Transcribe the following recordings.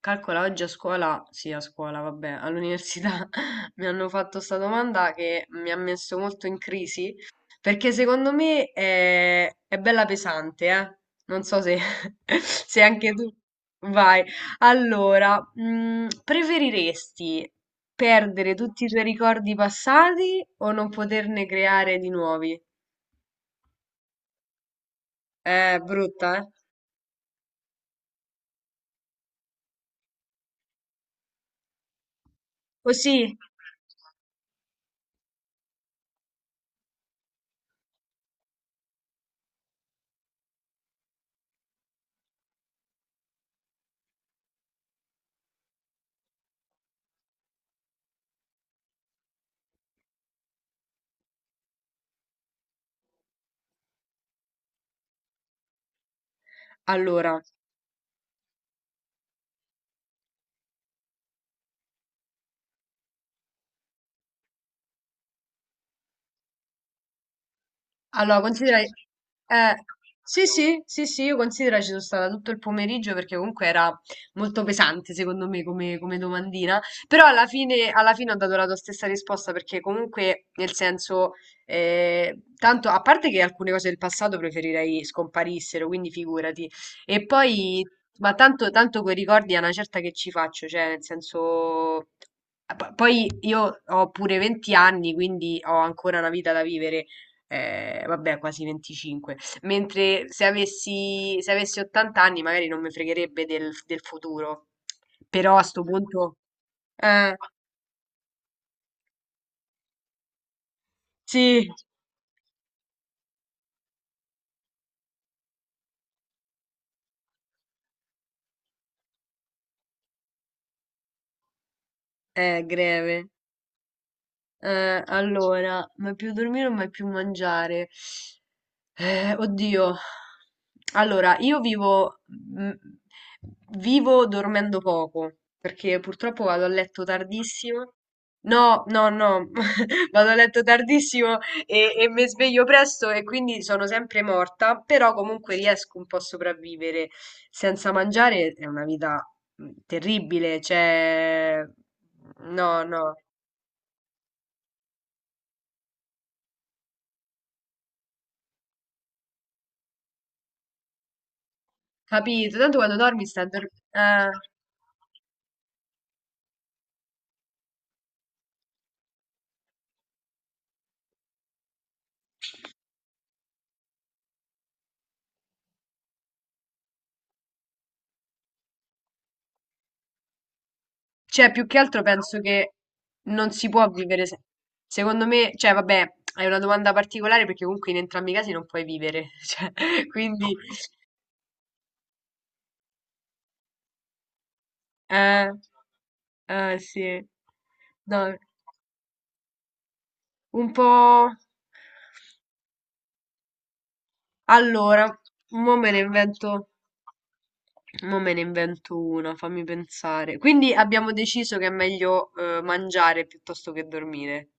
Calcola, oggi a scuola, sì, a scuola, vabbè, all'università mi hanno fatto sta domanda che mi ha messo molto in crisi, perché secondo me è bella pesante, eh? Non so se, se anche tu... Vai. Allora, preferiresti perdere tutti i tuoi ricordi passati o non poterne creare di nuovi? Brutta, eh? Così, allora. Allora, considera. Sì, sì, sì, sì, io considero ci sono stata tutto il pomeriggio perché comunque era molto pesante secondo me come domandina, però alla fine ho dato la tua stessa risposta perché comunque nel senso, tanto a parte che alcune cose del passato preferirei scomparissero, quindi figurati, e poi, ma tanto quei ricordi a una certa che ci faccio, cioè nel senso. Poi io ho pure 20 anni, quindi ho ancora una vita da vivere vabbè, quasi 25. Mentre se avessi 80 anni magari non mi fregherebbe del futuro. Però a sto punto. Eh, sì, è greve. Allora, mai più dormire o mai più mangiare? Oddio. Allora, io mm, vivo dormendo poco, perché purtroppo vado a letto tardissimo. No, no, no, vado a letto tardissimo e mi sveglio presto e quindi sono sempre morta, però comunque riesco un po' a sopravvivere. Senza mangiare è una vita terribile, cioè. No, no. Capito, tanto quando dormi sta a dormire. Ah. Cioè, più che altro penso che non si può vivere. Secondo me, cioè, vabbè, è una domanda particolare perché comunque in entrambi i casi non puoi vivere. Cioè, quindi, eh, sì. No, un po'. Allora, mo me ne invento. Mo me ne invento una, fammi pensare. Quindi abbiamo deciso che è meglio mangiare piuttosto che dormire.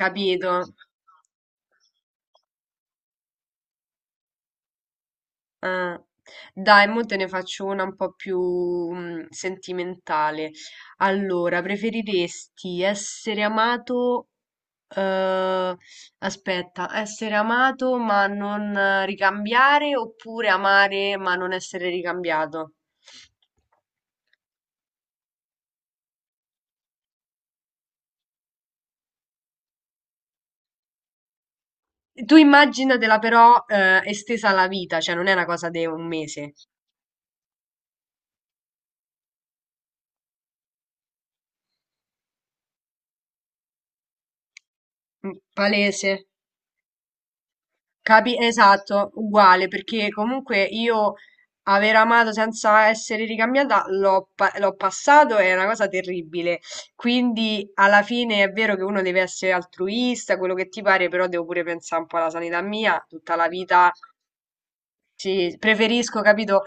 Capito? Ah. Dai, mo te ne faccio una un po' più sentimentale. Allora, preferiresti essere amato, eh, aspetta, essere amato ma non ricambiare oppure amare ma non essere ricambiato? Tu immaginatela però, estesa alla vita, cioè non è una cosa di un mese. Mm, palese. Esatto, uguale, perché comunque io aver amato senza essere ricambiata l'ho passato, è una cosa terribile. Quindi alla fine è vero che uno deve essere altruista, quello che ti pare, però devo pure pensare un po' alla sanità mia, tutta la vita sì, preferisco, capito?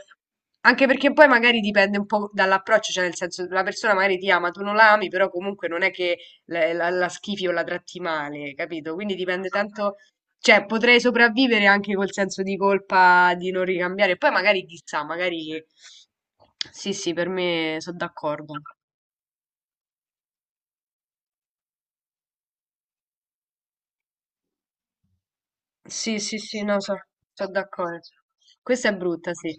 Anche perché poi magari dipende un po' dall'approccio, cioè nel senso la persona magari ti ama, tu non la ami, però comunque non è che la schifi o la tratti male, capito? Quindi dipende tanto, cioè potrei sopravvivere anche col senso di colpa di non ricambiare, poi magari chissà, magari sì, sì, per me sono d'accordo. Sì, sì, sì, no, sono d'accordo. Questa è brutta, sì.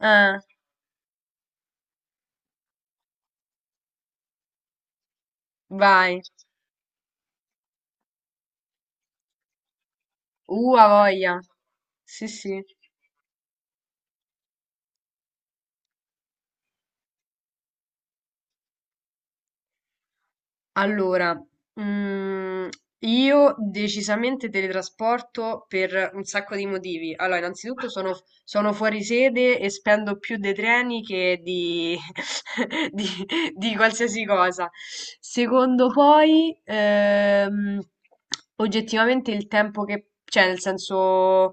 Ah, vai. A voglia. Sì, sì. Allora, mm, io decisamente teletrasporto per un sacco di motivi. Allora, innanzitutto sono fuori sede e spendo più dei treni che di, di, di qualsiasi cosa. Secondo poi, oggettivamente il tempo che. Cioè, nel senso.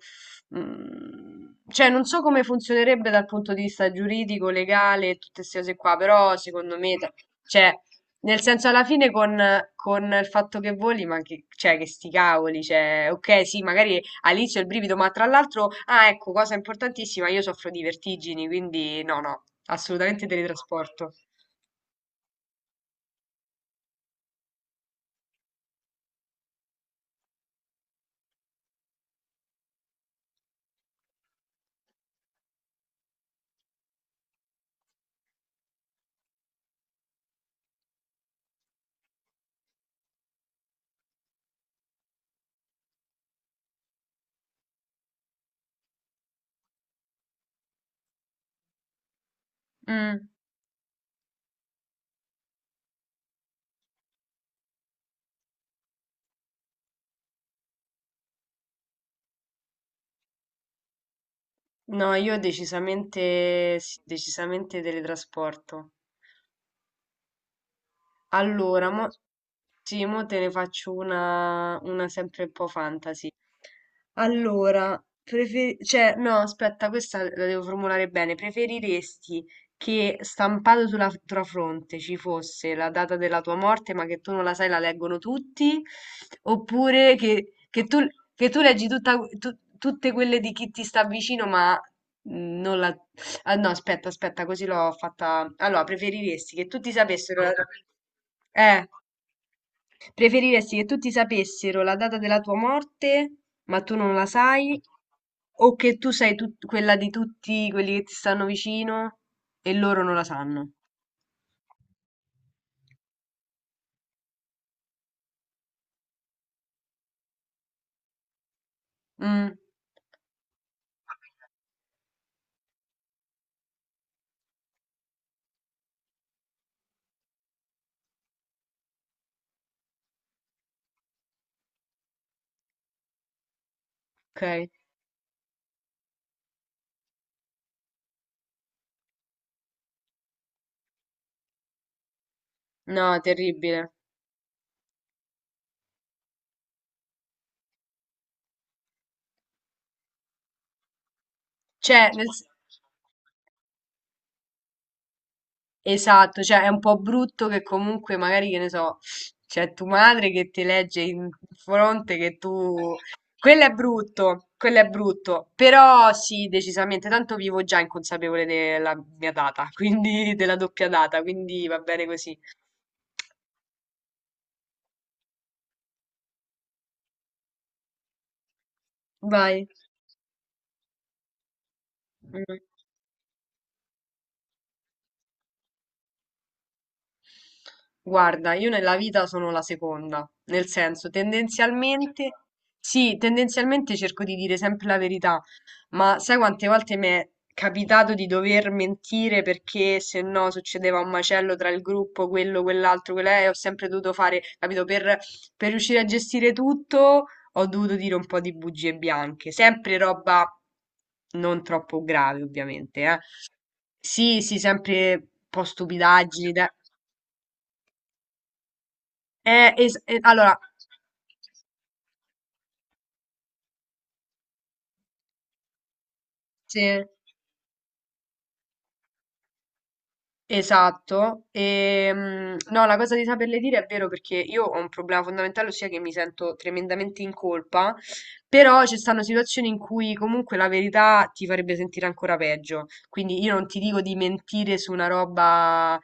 Cioè, non so come funzionerebbe dal punto di vista giuridico, legale, tutte queste cose qua, però secondo me, cioè, nel senso, alla fine con il fatto che voli, ma che, cioè, che sti cavoli, cioè, ok, sì, magari all'inizio il brivido, ma tra l'altro, ah, ecco, cosa importantissima, io soffro di vertigini, quindi no, no, assolutamente teletrasporto. Mm, no, io decisamente, sì, decisamente teletrasporto. Allora, mo, sì, mo te ne faccio una, sempre un po' fantasy. Allora, cioè, no, aspetta, questa la devo formulare bene. Preferiresti che stampato sulla tua fronte ci fosse la data della tua morte, ma che tu non la sai, la leggono tutti? Oppure che tu leggi tutte quelle di chi ti sta vicino, ma non la. Ah, no, aspetta, aspetta, così l'ho fatta. Allora, Eh, preferiresti che tutti sapessero la data della tua morte, ma tu non la sai, o che tu sai quella di tutti quelli che ti stanno vicino e loro non la sanno? Mm, ok. No, terribile. Cioè. Esatto, cioè è un po' brutto che comunque magari, che ne so, c'è tua madre che ti legge in fronte che tu. Quello è brutto, però sì, decisamente, tanto vivo già inconsapevole della mia data, quindi della doppia data, quindi va bene così. Vai. Mm. Guarda, io nella vita sono la seconda, nel senso, tendenzialmente, sì, tendenzialmente cerco di dire sempre la verità, ma sai quante volte mi è capitato di dover mentire perché se no succedeva un macello tra il gruppo, quello, quell'altro, quella, e ho sempre dovuto fare, capito, per riuscire a gestire tutto, ho dovuto dire un po' di bugie bianche, sempre roba non troppo grave, ovviamente, eh. Sì, sì, sempre un po' stupidaggini, dai. Allora, sì. Esatto, no, la cosa di saperle dire è vero perché io ho un problema fondamentale, ossia che mi sento tremendamente in colpa, però ci stanno situazioni in cui comunque la verità ti farebbe sentire ancora peggio. Quindi io non ti dico di mentire su una roba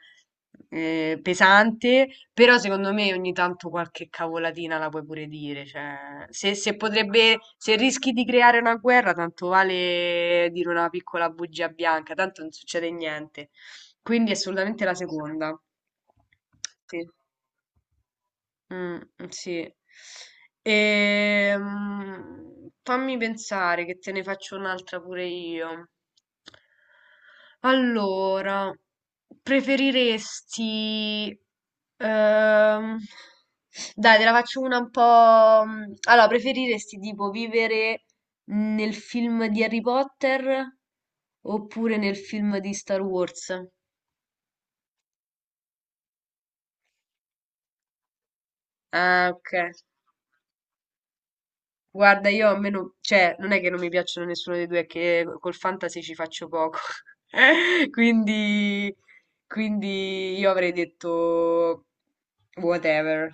pesante, però secondo me ogni tanto qualche cavolatina la puoi pure dire. Cioè, se rischi di creare una guerra, tanto vale dire una piccola bugia bianca, tanto non succede niente. Quindi assolutamente la seconda. Sì. Mm, sì. Fammi pensare che te ne faccio un'altra pure io. Allora, preferiresti... ehm, dai, te la faccio una un po'. Allora, preferiresti tipo vivere nel film di Harry Potter oppure nel film di Star Wars? Ah, ok. Guarda, io a me non, cioè, non è che non mi piacciono nessuno dei due, è che col fantasy ci faccio poco. Quindi, quindi io avrei detto whatever.